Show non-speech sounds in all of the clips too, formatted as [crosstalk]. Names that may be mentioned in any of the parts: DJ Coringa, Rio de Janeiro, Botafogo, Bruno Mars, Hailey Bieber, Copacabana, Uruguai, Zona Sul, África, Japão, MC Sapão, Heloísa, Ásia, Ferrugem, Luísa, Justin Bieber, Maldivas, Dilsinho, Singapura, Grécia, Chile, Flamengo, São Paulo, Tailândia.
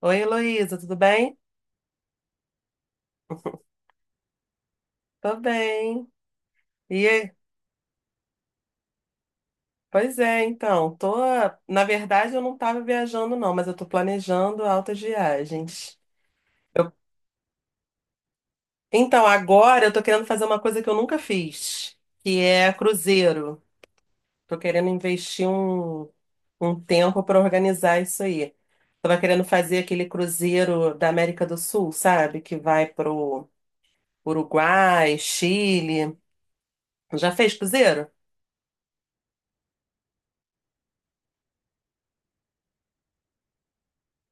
Oi, Heloísa, tudo bem? Tô bem. E aí? Pois é, então, tô, na verdade eu não tava viajando não, mas eu tô planejando altas viagens. Eu- Então, agora eu tô querendo fazer uma coisa que eu nunca fiz, que é cruzeiro. Tô querendo investir um tempo para organizar isso aí. Tava querendo fazer aquele cruzeiro da América do Sul, sabe? Que vai pro Uruguai, Chile. Já fez cruzeiro?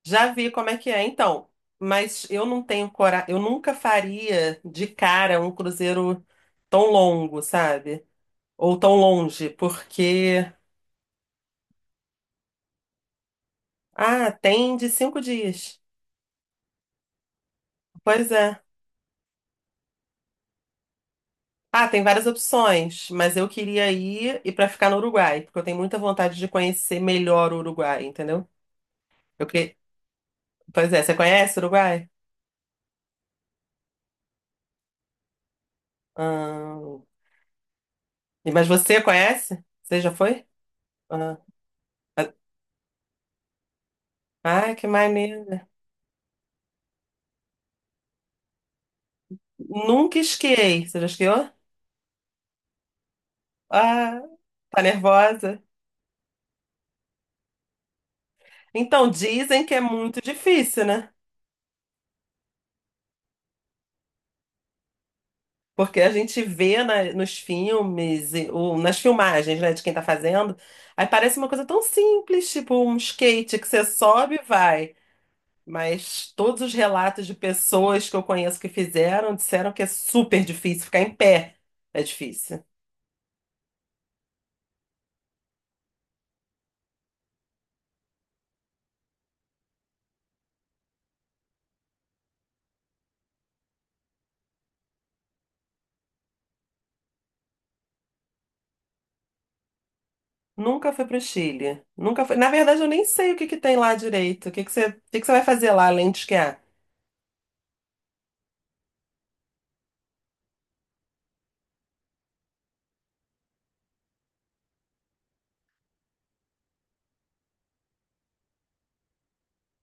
Já vi como é que é, então. Mas eu não tenho coragem, eu nunca faria de cara um cruzeiro tão longo, sabe? Ou tão longe, porque. Ah, tem de 5 dias. Pois é. Ah, tem várias opções, mas eu queria ir e para ficar no Uruguai, porque eu tenho muita vontade de conhecer melhor o Uruguai, entendeu? Eu que... Pois é, você conhece o Uruguai? Ah, Mas você conhece? Você já foi? Ah, ah, que maneiro. Nunca esquiei. Você já esquiou? Ah, tá nervosa? Então, dizem que é muito difícil, né? Porque a gente vê nos filmes, ou nas filmagens, né, de quem tá fazendo, aí parece uma coisa tão simples, tipo um skate que você sobe e vai. Mas todos os relatos de pessoas que eu conheço que fizeram disseram que é super difícil ficar em pé. É difícil. Nunca fui pro Chile. Nunca fui. Na verdade, eu nem sei o que que tem lá direito. O que que você, o que que você vai fazer lá além de esquiar?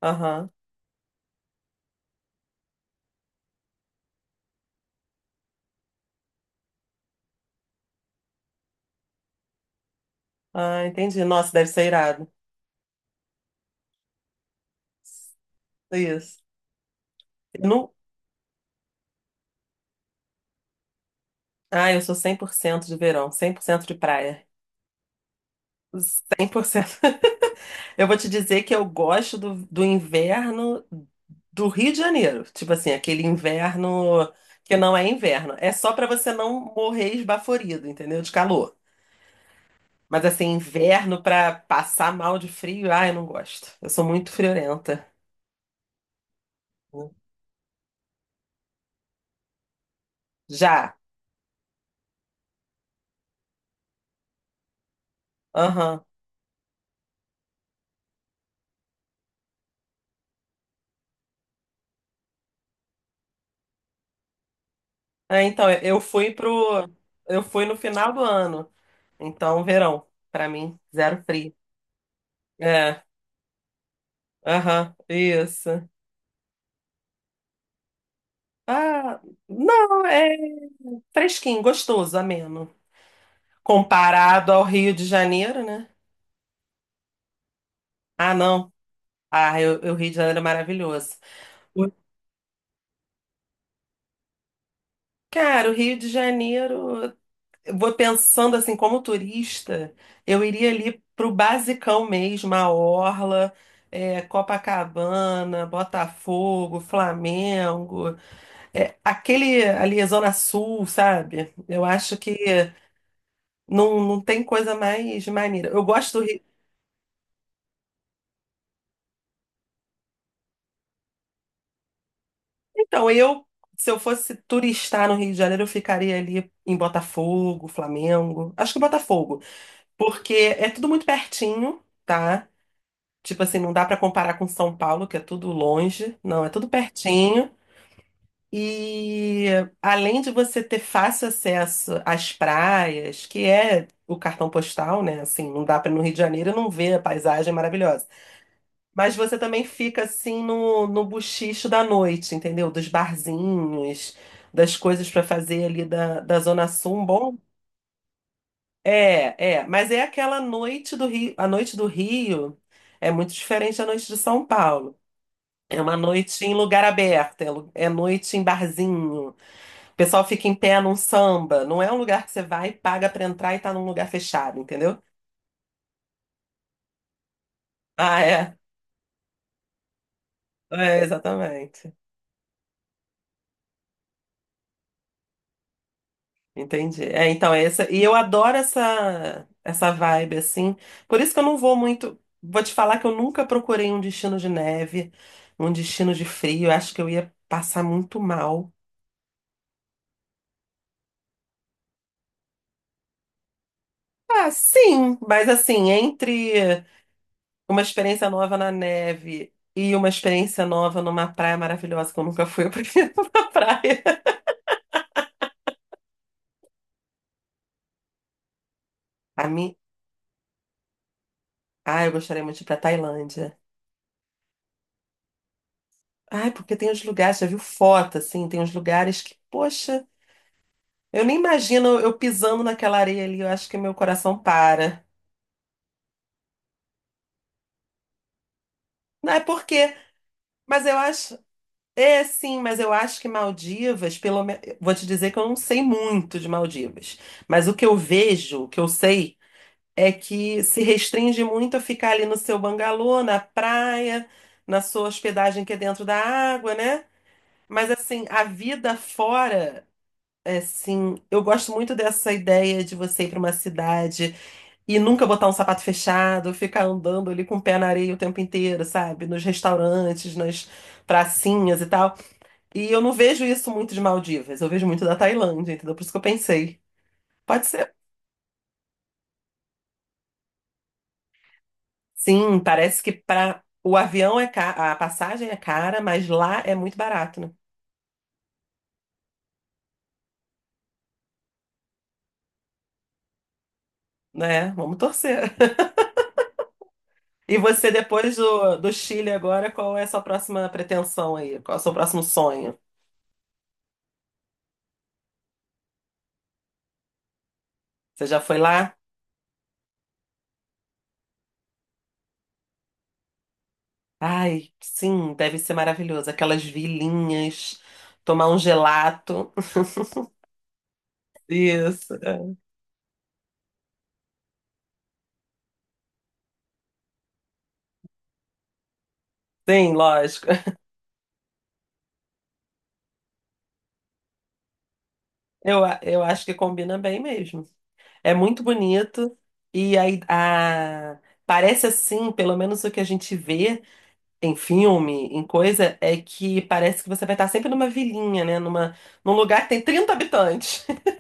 Aham. Ah, entendi. Nossa, deve ser irado. Isso. Eu não... Ah, eu sou 100% de verão, 100% de praia. 100%. [laughs] Eu vou te dizer que eu gosto do inverno do Rio de Janeiro. Tipo assim, aquele inverno que não é inverno. É só pra você não morrer esbaforido, entendeu? De calor. Mas assim, inverno pra passar mal de frio, ah, eu não gosto. Eu sou muito friorenta. Já. Aham. É, então, eu fui pro. Eu fui no final do ano. Então, verão, pra mim, zero frio. É, aham, isso. Ah, não, é fresquinho, gostoso, ameno. Comparado ao Rio de Janeiro, né? Ah, não. Ah, o Rio de Janeiro é maravilhoso. O- Cara, o Rio de Janeiro, eu vou pensando assim, como turista, eu iria ali pro basicão mesmo, a Orla, é, Copacabana, Botafogo, Flamengo. É, aquele ali, Zona Sul, sabe? Eu acho que não tem coisa mais maneira. Eu gosto do Rio. Então, eu, se eu fosse turistar no Rio de Janeiro, eu ficaria ali em Botafogo, Flamengo. Acho que Botafogo, porque é tudo muito pertinho, tá? Tipo assim, não dá pra comparar com São Paulo, que é tudo longe. Não, é tudo pertinho. E além de você ter fácil acesso às praias, que é o cartão postal, né? Assim, não dá para ir no Rio de Janeiro e não ver a paisagem maravilhosa. Mas você também fica assim no buchicho da noite, entendeu? Dos barzinhos, das coisas para fazer ali da Zona Sul. Um bom, é. Mas é aquela noite do Rio. A noite do Rio é muito diferente da noite de São Paulo. É uma noite em lugar aberto, é noite em barzinho. O pessoal fica em pé num samba. Não é um lugar que você vai, e paga pra entrar e tá num lugar fechado, entendeu? Ah, é. É, exatamente. Entendi. É, então, é essa. E eu adoro essa vibe, assim. Por isso que eu não vou muito. Vou te falar que eu nunca procurei um destino de neve, um destino de frio. Eu acho que eu ia passar muito mal. Ah, sim, mas assim, entre uma experiência nova na neve e uma experiência nova numa praia maravilhosa que eu nunca fui, eu prefiro [laughs] uma praia. A minha Ah, eu gostaria muito de ir pra Tailândia. Ai, porque tem uns lugares, já viu foto, assim, tem uns lugares que, poxa, eu nem imagino eu pisando naquela areia ali, eu acho que meu coração para. Não é porque, mas eu acho, é sim, mas eu acho que Maldivas, pelo menos, vou te dizer que eu não sei muito de Maldivas, mas o que eu vejo, o que eu sei, é que se restringe muito a ficar ali no seu bangalô, na praia, na sua hospedagem que é dentro da água, né? Mas assim, a vida fora é, sim. Eu gosto muito dessa ideia de você ir para uma cidade e nunca botar um sapato fechado, ficar andando ali com o pé na areia o tempo inteiro, sabe? Nos restaurantes, nas pracinhas e tal. E eu não vejo isso muito de Maldivas, eu vejo muito da Tailândia, entendeu? Por isso que eu pensei. Pode ser. Sim, parece que para o avião é ca... a passagem é cara, mas lá é muito barato, né? Né? Vamos torcer. [laughs] E você, depois do Chile agora, qual é a sua próxima pretensão aí? Qual é o seu próximo sonho? Você já foi lá? Ai, sim, deve ser maravilhoso. Aquelas vilinhas, tomar um gelato. Isso. É. Sim, lógico. Eu, eu acho que combina bem mesmo. É muito bonito e aí a, parece assim, pelo menos o que a gente vê em filme, em coisa, é que parece que você vai estar sempre numa vilinha, né? Numa, num lugar que tem 30 habitantes. [laughs]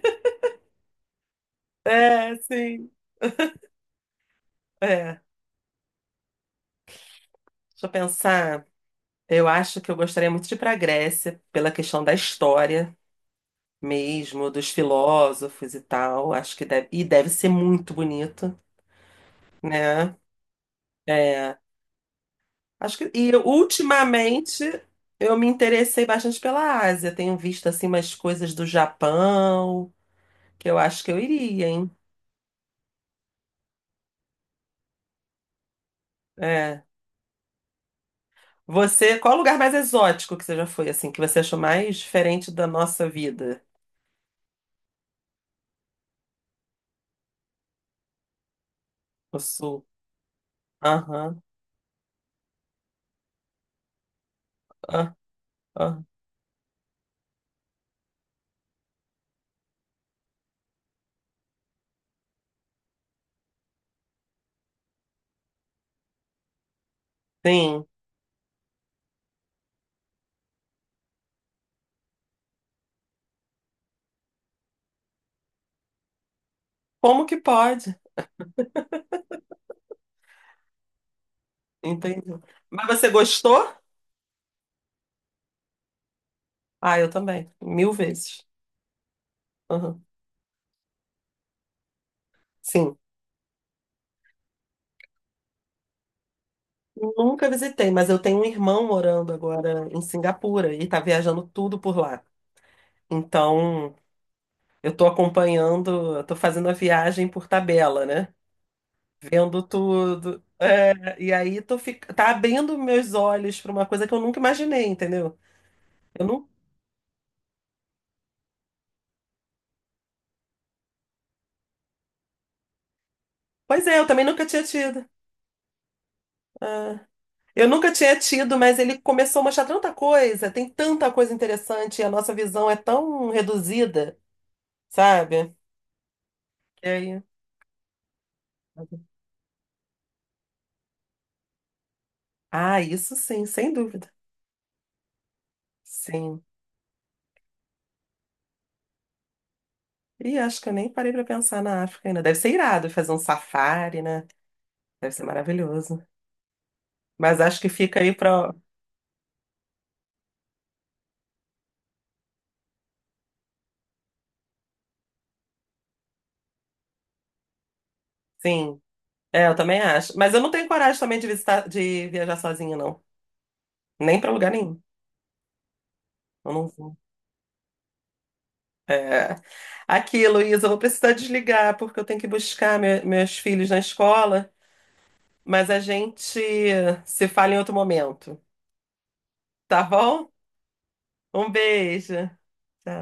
É, sim. É. Deixa eu pensar. Eu acho que eu gostaria muito de ir para a Grécia, pela questão da história mesmo, dos filósofos e tal. Acho que deve, e deve ser muito bonito, né? É, acho que, e ultimamente eu me interessei bastante pela Ásia. Tenho visto assim umas coisas do Japão, que eu acho que eu iria, hein? É. Você, qual o lugar mais exótico que você já foi, assim, que você achou mais diferente da nossa vida? O Sul. Aham, ah, ah. Sim. Como que pode? Entendi. Mas você gostou? Ah, eu também. Mil vezes. Aham. Sim. Nunca visitei, mas eu tenho um irmão morando agora em Singapura e tá viajando tudo por lá. Então, eu tô acompanhando, eu tô fazendo a viagem por tabela, né? Vendo tudo. É, e aí tô fic... tá abrindo meus olhos pra uma coisa que eu nunca imaginei, entendeu? Eu não... Pois é, eu também nunca tinha tido. É. Eu nunca tinha tido, mas ele começou a mostrar tanta coisa, tem tanta coisa interessante, e a nossa visão é tão reduzida, sabe? E aí... Ah, isso sim, sem dúvida. Sim. E acho que eu nem parei pra pensar na África ainda. Deve ser irado fazer um safari, né? Deve ser maravilhoso. Mas acho que fica aí pra. Sim. É, eu também acho. Mas eu não tenho coragem também de visitar, de viajar sozinha, não. Nem pra lugar nenhum. Eu não. É. Aqui, Luísa, eu vou precisar desligar porque eu tenho que buscar meus filhos na escola, mas a gente se fala em outro momento, tá bom? Um beijo. Tchau.